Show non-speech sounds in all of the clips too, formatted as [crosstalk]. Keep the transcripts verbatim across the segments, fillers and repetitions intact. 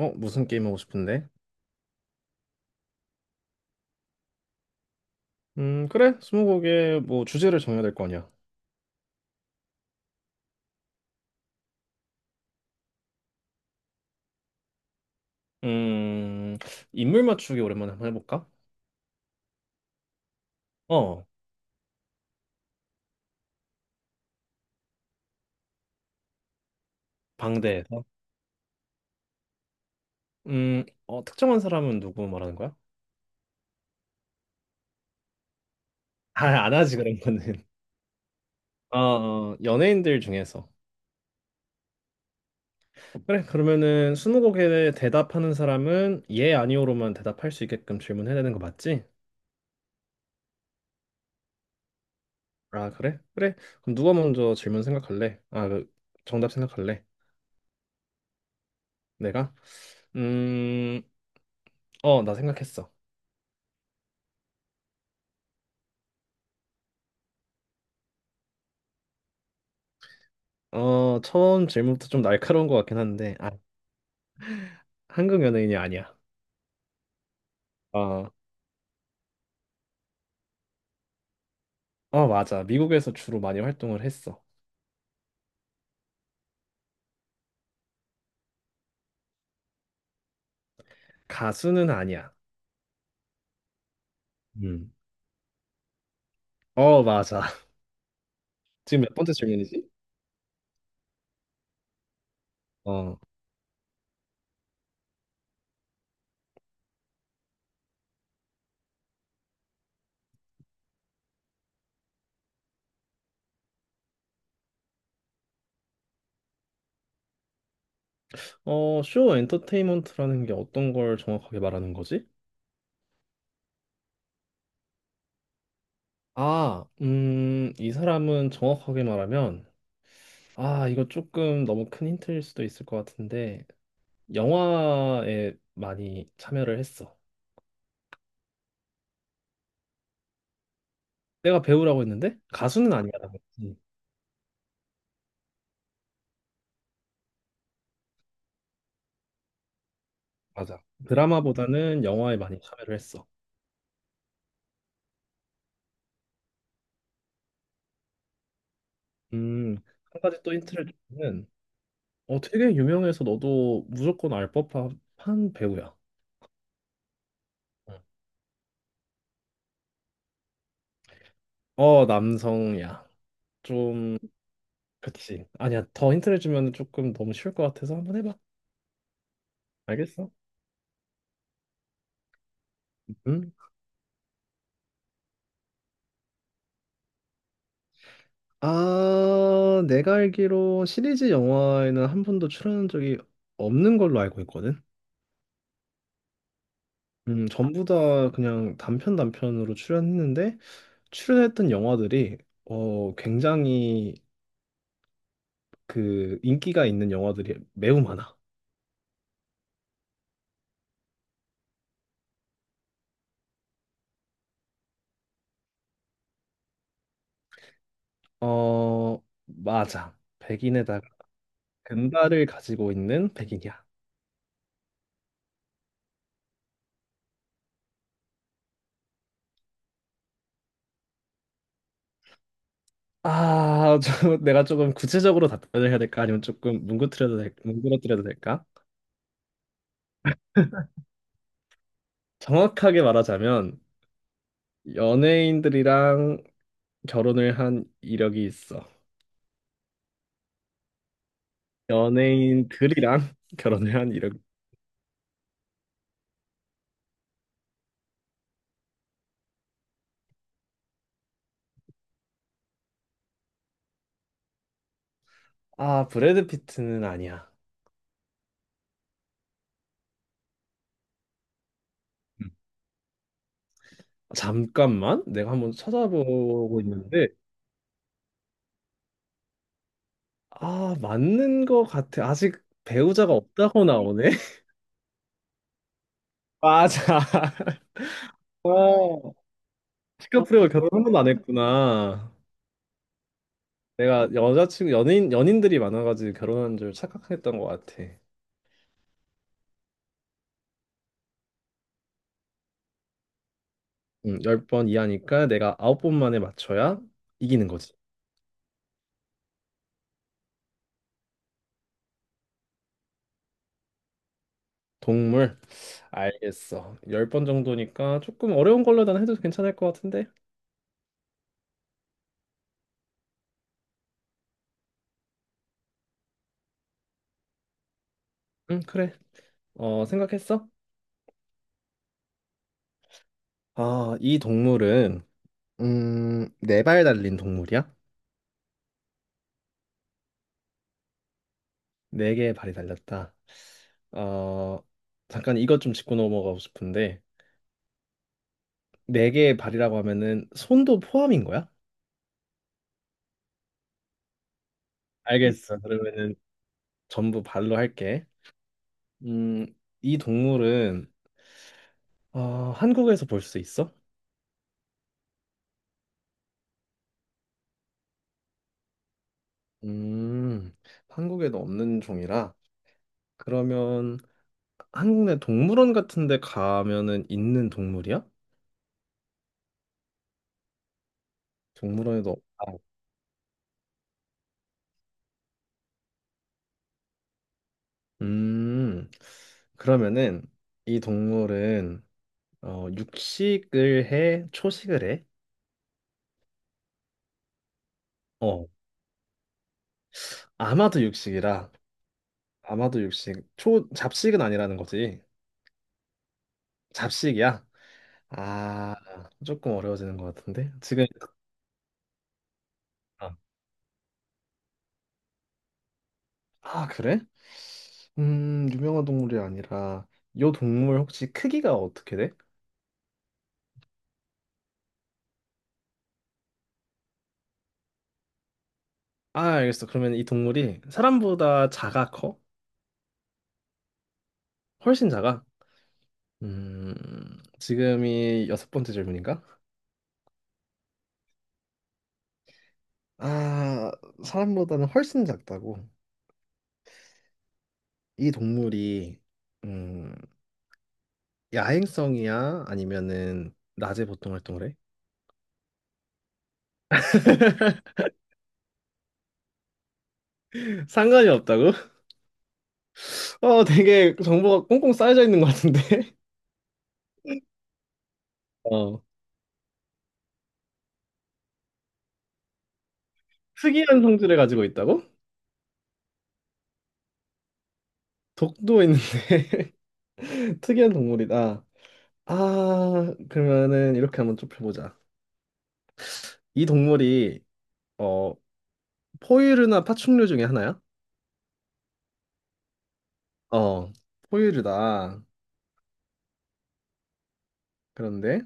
어, 무슨 게임 하고 싶은데? 음, 그래. 스무고개 뭐 주제를 정해야 될 거 아니야. 음, 인물 맞추기 오랜만에 한번 해볼까? 어, 방대에서. 음, 어, 특정한 사람은 누구 말하는 거야? 아, 안 하지 그런 거는. [laughs] 어, 어, 연예인들 중에서. 그래. 그러면은 스무고개에 대답하는 사람은 예, 아니오로만 대답할 수 있게끔 질문해야 되는 거 맞지? 아, 그래? 그래. 그럼 누가 먼저 질문 생각할래? 아, 그 정답 생각할래? 내가? 음, 어, 나 생각했어. 어, 처음 질문부터 좀 날카로운 것 같긴 한데, 아, 한국 연예인이 아니야. 어, 어, 맞아. 미국에서 주로 많이 활동을 했어. 가수는 아니야. 음. 어, 맞아. [laughs] 지금 몇 번째 질문이지? 어, 어, 쇼 엔터테인먼트라는 게 어떤 걸 정확하게 말하는 거지? 아, 음, 이 사람은 정확하게 말하면, 아, 이거 조금 너무 큰 힌트일 수도 있을 것 같은데, 영화에 많이 참여를 했어. 내가 배우라고 했는데, 가수는 아니야. 맞아. 드라마보다는 영화에 많이 참여를 했어. 음, 한 가지 또 힌트를 주면, 어, 되게 유명해서 너도 무조건 알 법한 배우야. 응. 어, 남성이야. 좀, 그치. 아니야, 더 힌트를 주면 조금 너무 쉬울 것 같아서 한번 해봐. 알겠어? 응? 아, 내가 알기로 시리즈 영화에는 한 번도 출연한 적이 없는 걸로 알고 있거든. 음, 전부 다 그냥 단편 단편으로 출연했는데, 출연했던 영화들이 어 굉장히 그 인기가 있는 영화들이 매우 많아. 어 맞아. 백인에다가 금발을 가지고 있는 백인이야. 아, 저, [laughs] 내가 조금 구체적으로 답변을 해야 될까? 아니면 조금 뭉그러뜨려도 될, 뭉그러뜨려도 될까? 정확하게 말하자면 연예인들이랑 결혼을 한 이력이 있어. 연예인들이랑 [laughs] 결혼을 한 이력. 아, 브래드 피트는 아니야. 잠깐만, 내가 한번 찾아보고 있는데, 아, 맞는 것 같아. 아직 배우자가 없다고 나오네. [laughs] 맞아. [laughs] 어. 어, 디카프리오가 결혼 한 번도 안 했구나. 내가 여자친구, 연인, 연인들이 많아가지고 결혼한 줄 착각했던 것 같아. 음, 열 번 이하니까 내가 아홉 번 만에 맞춰야 이기는 거지. 동물, 알겠어. 열 번 정도니까 조금 어려운 걸로 난 해도 괜찮을 것 같은데? 응, 그래. 어, 생각했어? 아, 이 동물은 음, 네 발 달린 동물이야? 네 개의 발이 달렸다. 어, 잠깐 이것 좀 짚고 넘어가고 싶은데, 네 개의 발이라고 하면은 손도 포함인 거야? 알겠어. 그러면은 전부 발로 할게. 음, 이 동물은 어, 한국에서 볼 수 있어? 음, 한국에도 없는 종이라. 그러면 한국 내 동물원 같은 데 가면은 있는 동물이야? 동물원에도 없다. 음, 그러면은 이 동물은 어, 육식을 해? 초식을 해? 어, 아마도 육식이라. 아마도 육식. 초, 잡식은 아니라는 거지. 잡식이야? 아, 조금 어려워지는 것 같은데. 지금, 아, 아, 그래? 음, 유명한 동물이 아니라, 요 동물 혹시 크기가 어떻게 돼? 아, 알겠어. 그러면 이 동물이 사람보다 작아, 커? 훨씬 작아? 음, 지금이 여섯 번째 질문인가? 아, 사람보다는 훨씬 작다고. 이 동물이 음, 야행성이야? 아니면은 낮에 보통 활동을 해? [laughs] 상관이 없다고? [laughs] 어, 되게 정보가 꽁꽁 쌓여져 있는 것 같은데. [laughs] 어. 특이한 성질을 가지고 있다고? 독도 있는데 [laughs] 특이한 동물이다. 아, 그러면은 이렇게 한번 좁혀보자. 이 동물이 어, 포유류나 파충류 중에 하나야? 어, 포유류다. 그런데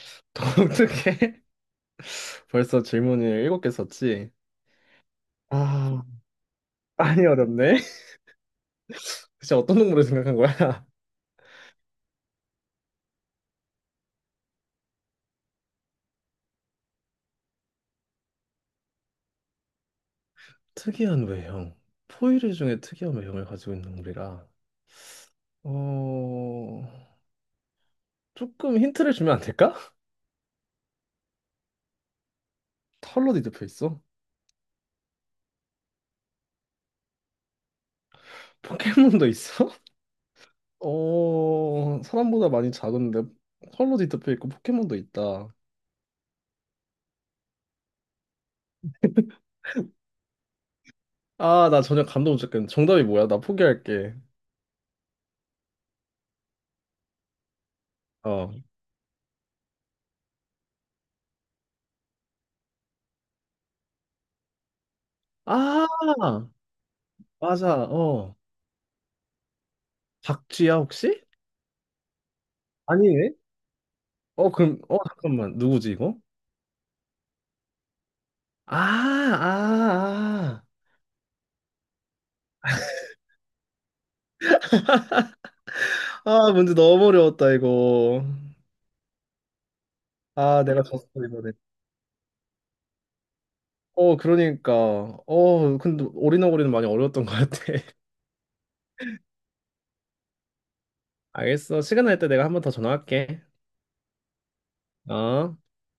[laughs] 독특해. [laughs] 벌써 질문을 일곱 개 썼지? 아, 많이 어렵네. 진짜 어떤 동물을 생각한 거야? [laughs] 특이한 외형. 포유류 중에 특이한 외형을 가지고 있는 동물이라. 어, 조금 힌트를 주면 안 될까? [laughs] 털로 뒤덮여 있어? 포켓몬도 있어? [laughs] 어, 사람보다 많이 작은데 털로 뒤덮여 있고 포켓몬도 있다. 아, 나 전혀 감도 못 잡겠네. 정답이 뭐야? 나 포기할게. 어. 아, 맞아. 어. 박쥐야, 혹시? 아니네. 어, 그럼, 어, 잠깐만. 누구지, 이거? 아, 아, 아, 아, 문제 너무 어려웠다, 이거. 아, 내가 졌어, 이번에. 어, 그러니까. 어, 근데 오리너구리는 많이 어려웠던 것 같아. [laughs] 알겠어. 시간 날 때 내가 한 번 더 전화할게. 어?